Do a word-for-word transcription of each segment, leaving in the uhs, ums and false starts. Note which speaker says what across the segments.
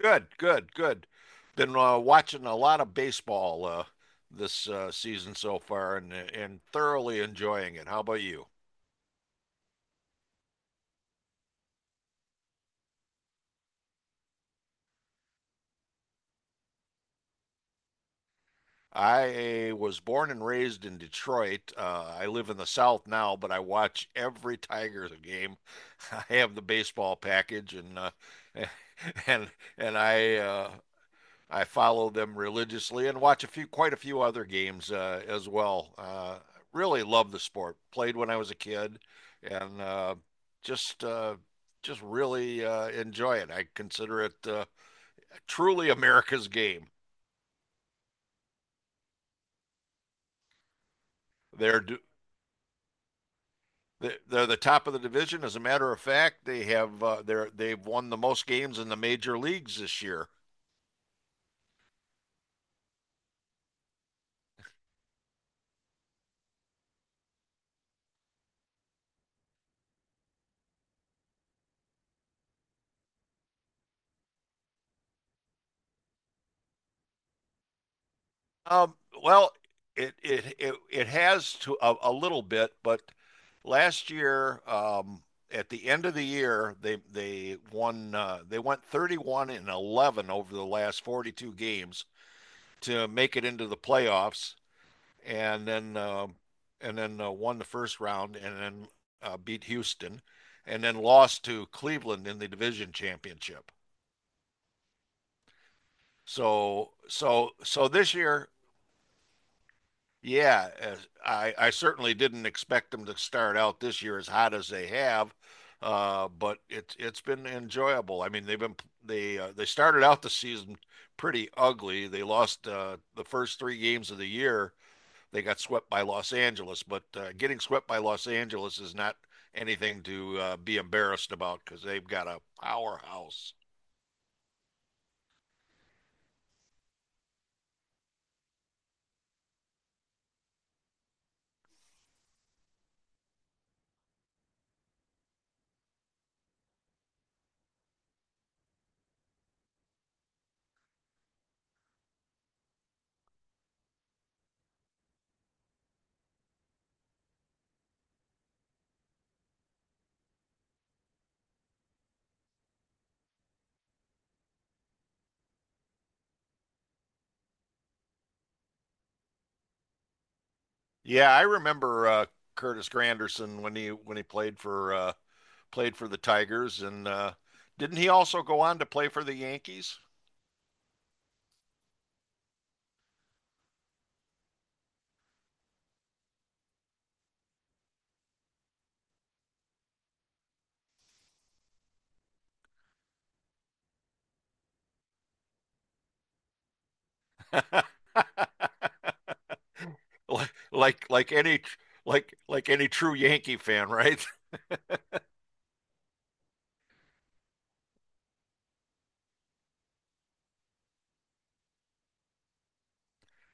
Speaker 1: Good, good, good. Been uh, watching a lot of baseball, uh, this uh, season so far, and and thoroughly enjoying it. How about you? I was born and raised in Detroit. Uh, I live in the South now, but I watch every Tigers game. I have the baseball package, and uh, and and I uh, I follow them religiously and watch a few, quite a few other games uh, as well. Uh, really love the sport. Played when I was a kid, and uh, just uh, just really uh, enjoy it. I consider it uh, truly America's game. They're do- they- are the top of the division. As a matter of fact, they have uh, they're they've won the most games in the major leagues this year. Um, well, it it it it has to a, a little bit, but last year, um, at the end of the year, they they won uh, they went thirty one and eleven over the last forty two games to make it into the playoffs, and then um and then uh, won the first round, and then uh, beat Houston, and then lost to Cleveland in the division championship. So so so this year Yeah, as- I, I certainly didn't expect them to start out this year as hot as they have, uh, but it's it's been enjoyable. I mean, they've been they uh, they started out the season pretty ugly. They lost uh, the first three games of the year. They got swept by Los Angeles, but uh, getting swept by Los Angeles is not anything to uh, be embarrassed about because they've got a powerhouse. Yeah, I remember uh, Curtis Granderson when he when he played for uh, played for the Tigers, and uh, didn't he also go on to play for the Yankees? like like like any like like any true Yankee fan, right?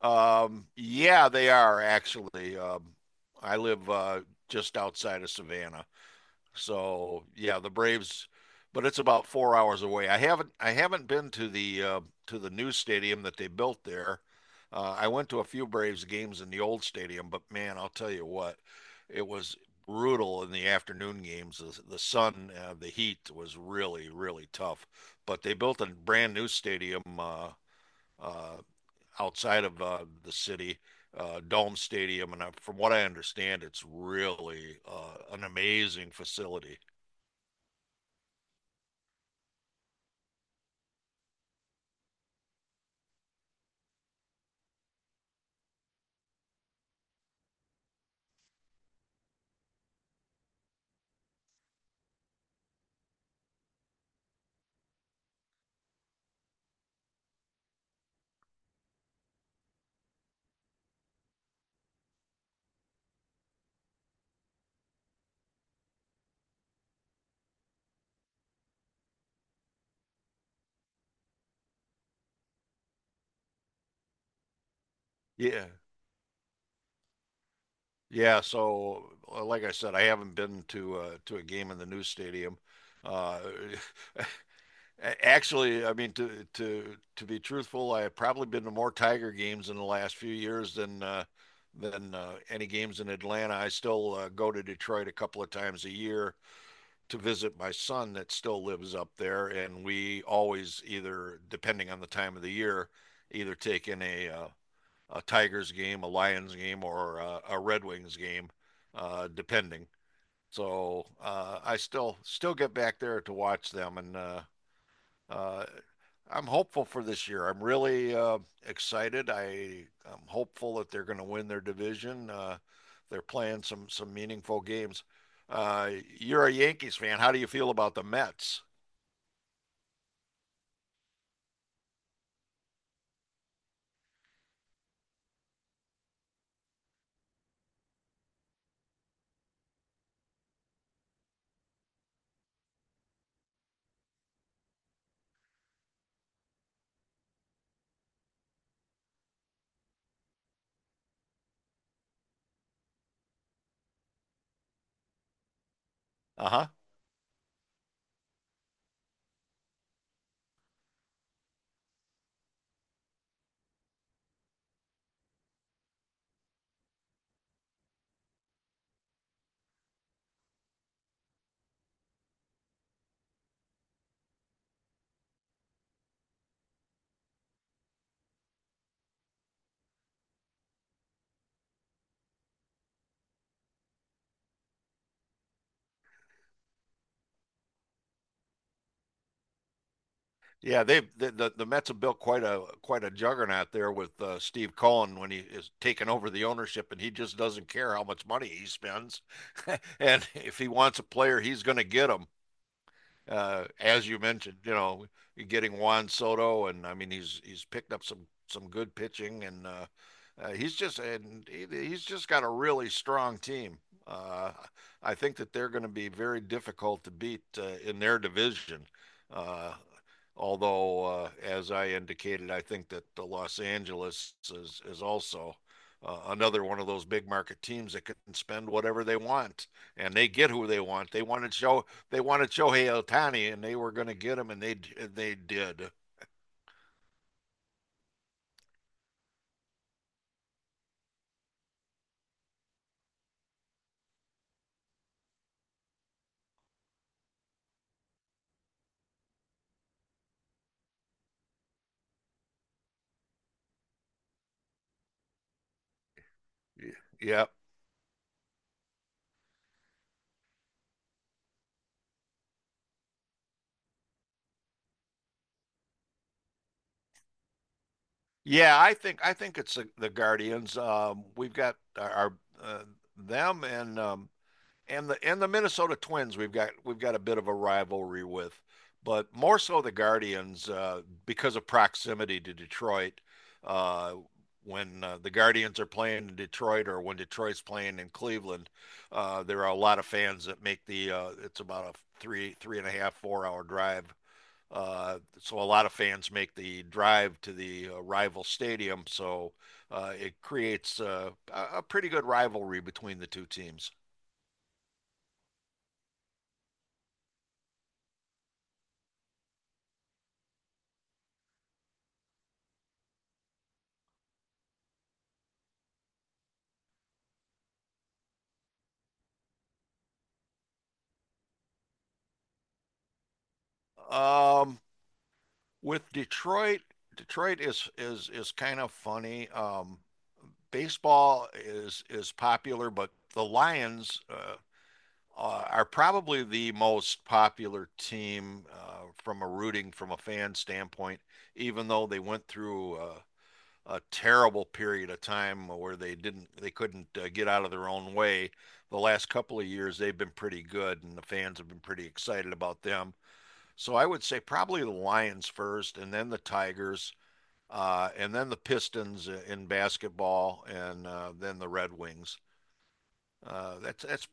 Speaker 1: Um, yeah, they are actually. Um, I live uh, just outside of Savannah. So yeah, the Braves, but it's about four hours away. I haven't I haven't been to the uh, to the new stadium that they built there. Uh, I went to a few Braves games in the old stadium, but man, I'll tell you what, it was brutal in the afternoon games. The, the sun, uh, the heat was really really tough. But they built a brand new stadium uh, uh, outside of uh, the city. Uh, Dome Stadium, and I, from what I understand, it's really uh, an amazing facility. Yeah, yeah. So, uh, like I said, I haven't been to uh, to a game in the new stadium. Uh, a- actually, I mean to to to be truthful, I have probably been to more Tiger games in the last few years than uh, than uh, any games in Atlanta. I still uh, go to Detroit a couple of times a year to visit my son that still lives up there, and we always either, depending on the time of the year, either take in a uh, a Tigers game, a Lions game, or a, a Red Wings game, uh, depending. So uh, I still still get back there to watch them, and uh, uh, I'm hopeful for this year. I'm really uh, excited. I I'm hopeful that they're going to win their division. Uh, they're playing some some meaningful games. Uh, you're a Yankees fan. How do you feel about the Mets? Uh huh. Yeah, they've the, the the Mets have built quite a quite a juggernaut there with uh, Steve Cohen when he is taking over the ownership, and he just doesn't care how much money he spends, and if he wants a player, he's going to get him uh, as you mentioned, you know, getting Juan Soto, and I mean, he's he's picked up some some good pitching, and uh, uh, he's just and he, he's just got a really strong team. Uh, I think that they're going to be very difficult to beat uh, in their division. Uh, Although, uh, as I indicated, I think that the Los Angeles is is also uh, another one of those big market teams that can spend whatever they want, and they get who they want. They wanted Shohei they wanted Shohei Otani, and they were going to get him, and they they did. Yeah, yeah. I think I think it's the, the Guardians. Um, we've got our, our uh, them and um, and the and the Minnesota Twins we've got we've got a bit of a rivalry with, but more so the Guardians uh, because of proximity to Detroit. Uh, when uh, the Guardians are playing in Detroit or when Detroit's playing in Cleveland, uh, there are a lot of fans that make the. Uh, it's about a three three and a half four hour drive. Uh, so a lot of fans make the drive to the uh, rival stadium. So uh, it creates uh, a pretty good rivalry between the two teams. Um, with Detroit, Detroit is is is kind of funny. Um, baseball is is popular, but the Lions uh, uh, are probably the most popular team uh, from a rooting from a fan standpoint. Even though they went through uh, a terrible period of time where they didn't they couldn't uh, get out of their own way, the last couple of years they've been pretty good, and the fans have been pretty excited about them. So I would say probably the Lions first, and then the Tigers uh, and then the Pistons in basketball, and uh, then the Red Wings. Uh, that's that's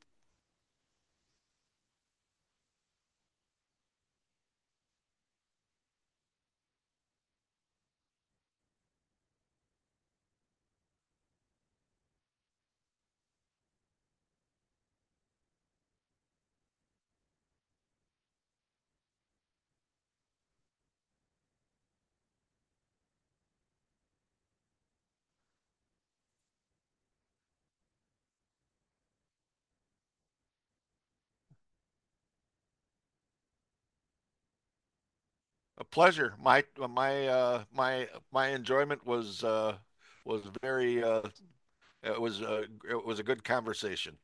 Speaker 1: a pleasure. My my uh, my my enjoyment was uh, was very uh, it was uh, it was a good conversation.